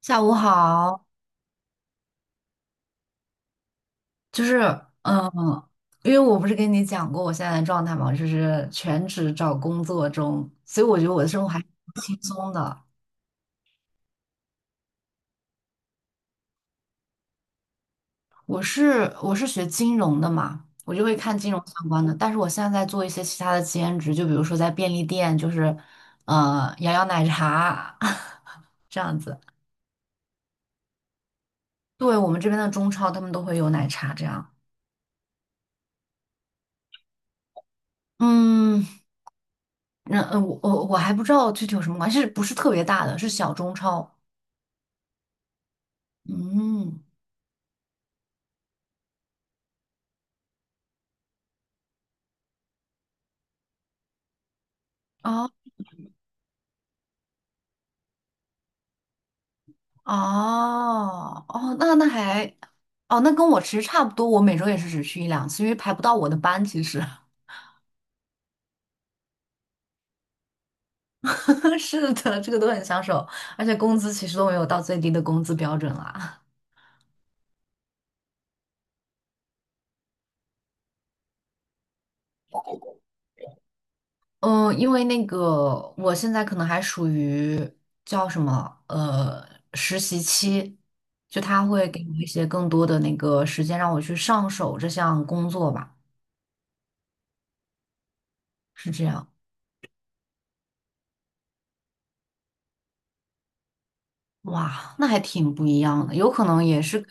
下午好，就是嗯，因为我不是跟你讲过我现在的状态嘛，就是全职找工作中，所以我觉得我的生活还挺轻松的。我是学金融的嘛，我就会看金融相关的，但是我现在在做一些其他的兼职，就比如说在便利店，摇摇奶茶 这样子。对，我们这边的中超他们都会有奶茶这样。嗯，我还不知道具体有什么关系，是不是特别大的，是小中超。嗯。哦哦哦，那那还哦，那跟我其实差不多，我每周也是只去一两次，因为排不到我的班。其实 是的，这个都很抢手，而且工资其实都没有到最低的工资标准啦。嗯，因为那个我现在可能还属于叫什么实习期，就他会给我一些更多的那个时间让我去上手这项工作吧，是这样。哇，那还挺不一样的，有可能也是。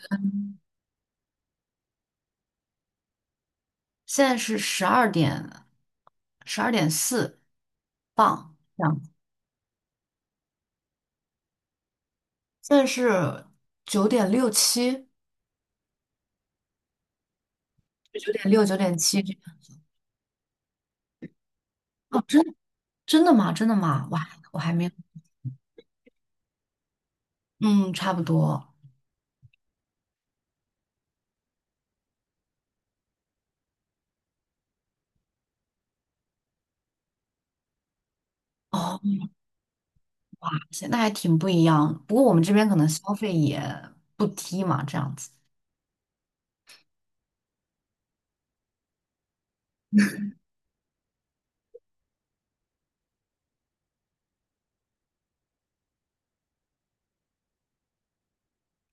现在是十二点，12.4磅这样。现在是9.67，九点七。哦，真真的吗？真的吗？哇，我还没有，嗯，差不多。哦，那还挺不一样。不过我们这边可能消费也不低嘛，这样子。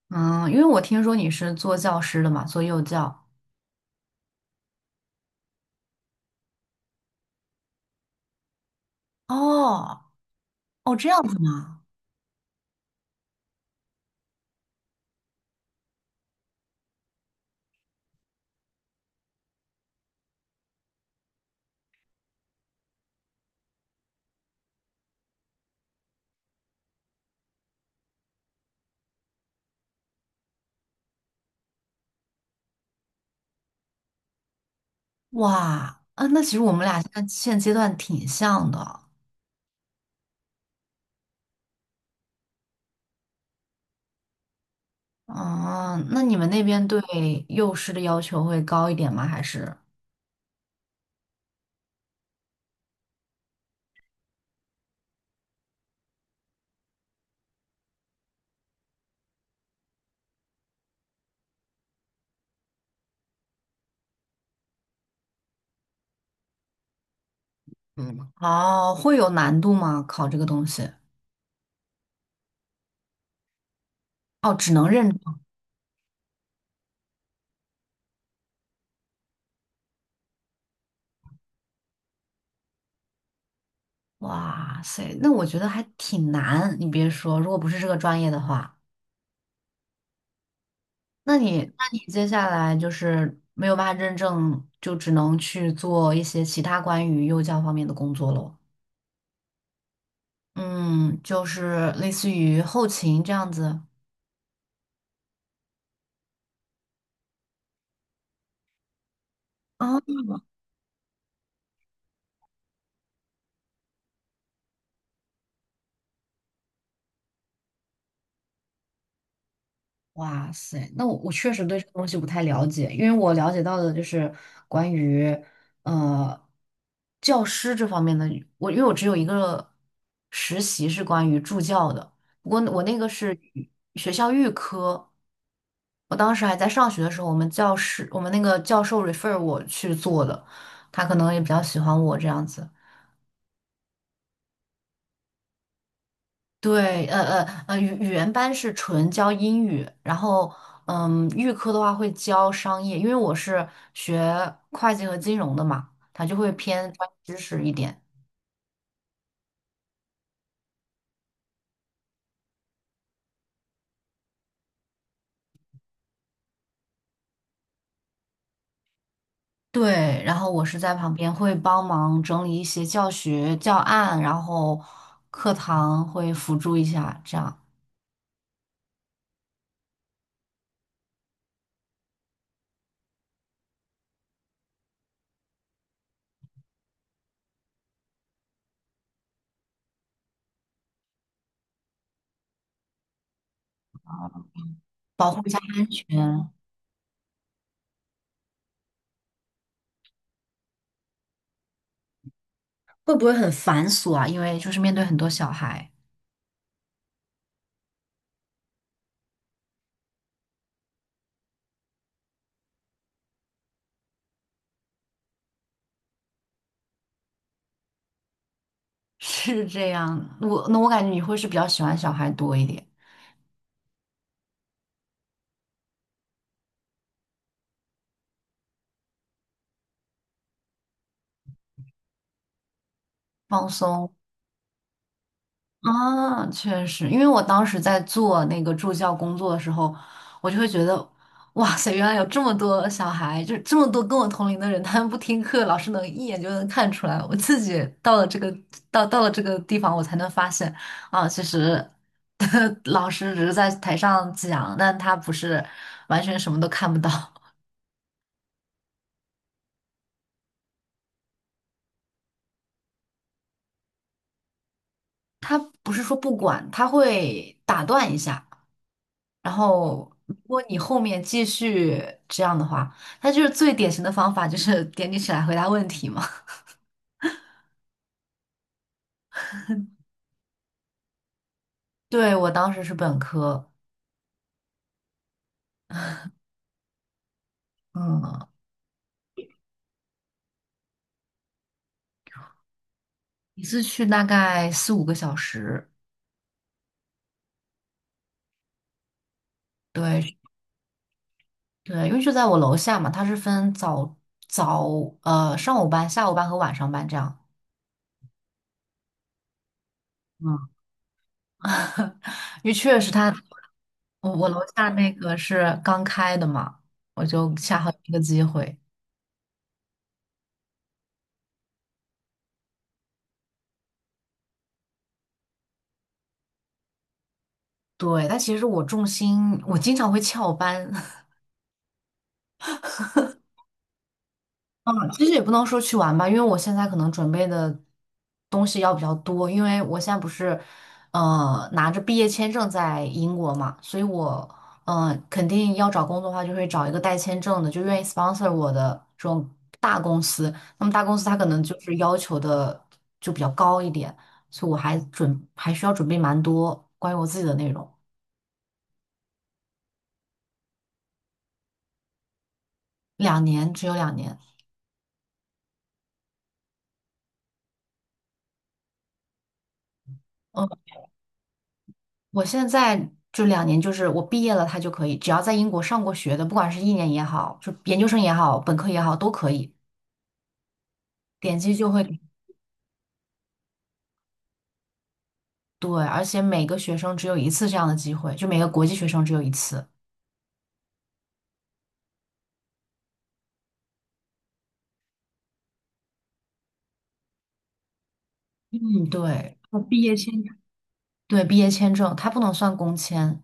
嗯，因为我听说你是做教师的嘛，做幼教。哦，哦，这样子吗？哇，啊，那其实我们俩现在现阶段挺像的。哦，那你们那边对幼师的要求会高一点吗？还是？嗯，哦，会有难度吗？考这个东西？哦，只能认证。哇塞，那我觉得还挺难。你别说，如果不是这个专业的话，那你接下来就是没有办法认证，就只能去做一些其他关于幼教方面的工作喽。嗯，就是类似于后勤这样子。哦。哇塞，那我确实对这个东西不太了解，因为我了解到的就是关于呃教师这方面的，因为我只有一个实习是关于助教的，不过我那个是语学校预科，我当时还在上学的时候，我们那个教授 refer 我去做的，他可能也比较喜欢我这样子。对，语言班是纯教英语，然后嗯，预科的话会教商业，因为我是学会计和金融的嘛，它就会偏专业知识一点。对，然后我是在旁边会帮忙整理一些教学教案，然后课堂会辅助一下，这样保护员会不会很繁琐啊？因为就是面对很多小孩，是这样。我感觉你会是比较喜欢小孩多一点，放松。啊，确实，因为我当时在做那个助教工作的时候，我就会觉得，哇塞，原来有这么多小孩，就是这么多跟我同龄的人，他们不听课，老师能一眼就能看出来。我自己到了这个地方，我才能发现，啊，其实 老师只是在台上讲，但他不是完全什么都看不到，他不是说不管，他会打断一下。然后，如果你后面继续这样的话，那就是最典型的方法，就是点你起来回答问题嘛。对，我当时是本科，嗯，一次去大概4-5个小时。对对，因为就在我楼下嘛，他是分早早呃上午班、下午班和晚上班这样。嗯，因为确实他我楼下那个是刚开的嘛，我就恰好有一个机会。对，但其实我重心，我经常会翘班。嗯其实也不能说去玩吧，因为我现在可能准备的东西要比较多，因为我现在不是，拿着毕业签证在英国嘛，所以我，肯定要找工作的话，就会找一个带签证的，就愿意 sponsor 我的这种大公司。那么大公司它可能就是要求的就比较高一点，所以我还需要准备蛮多关于我自己的内容，只有两年。嗯。我现在就两年就是我毕业了，他就可以，只要在英国上过学的，不管是1年也好，就研究生也好，本科也好，都可以，点击就会对，而且每个学生只有一次这样的机会，就每个国际学生只有一次。嗯，对，我毕业签对，毕业签证它不能算工签，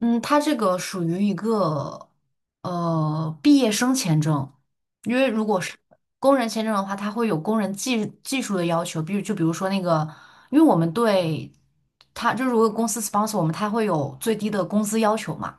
嗯，它这个属于一个毕业生签证，因为如果是工人签证的话，它会有工人技术的要求，比如就比如说那个，因为我们对它就是如果公司 sponsor 我们，它会有最低的工资要求嘛。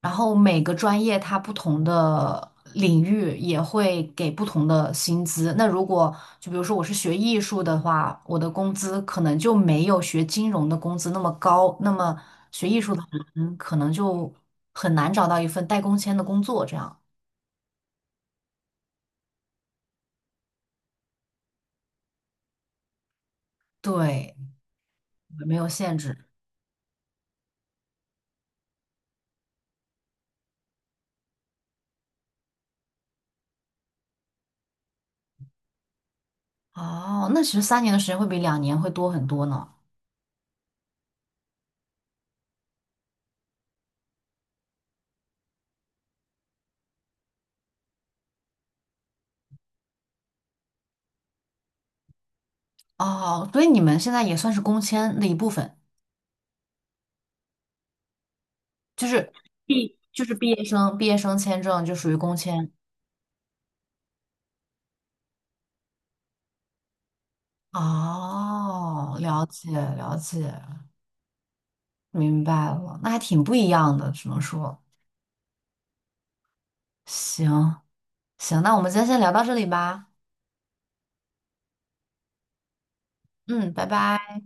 然后每个专业它不同的领域也会给不同的薪资。那如果就比如说我是学艺术的话，我的工资可能就没有学金融的工资那么高。那么学艺术的人可能就很难找到一份带工签的工作。这样，对，没有限制。哦，那其实3年的时间会比两年会多很多呢。哦，所以你们现在也算是工签的一部分，就是就是毕业生签证就属于工签。哦，了解了解，明白了，那还挺不一样的，只能说，行行，那我们今天先聊到这里吧，嗯，拜拜。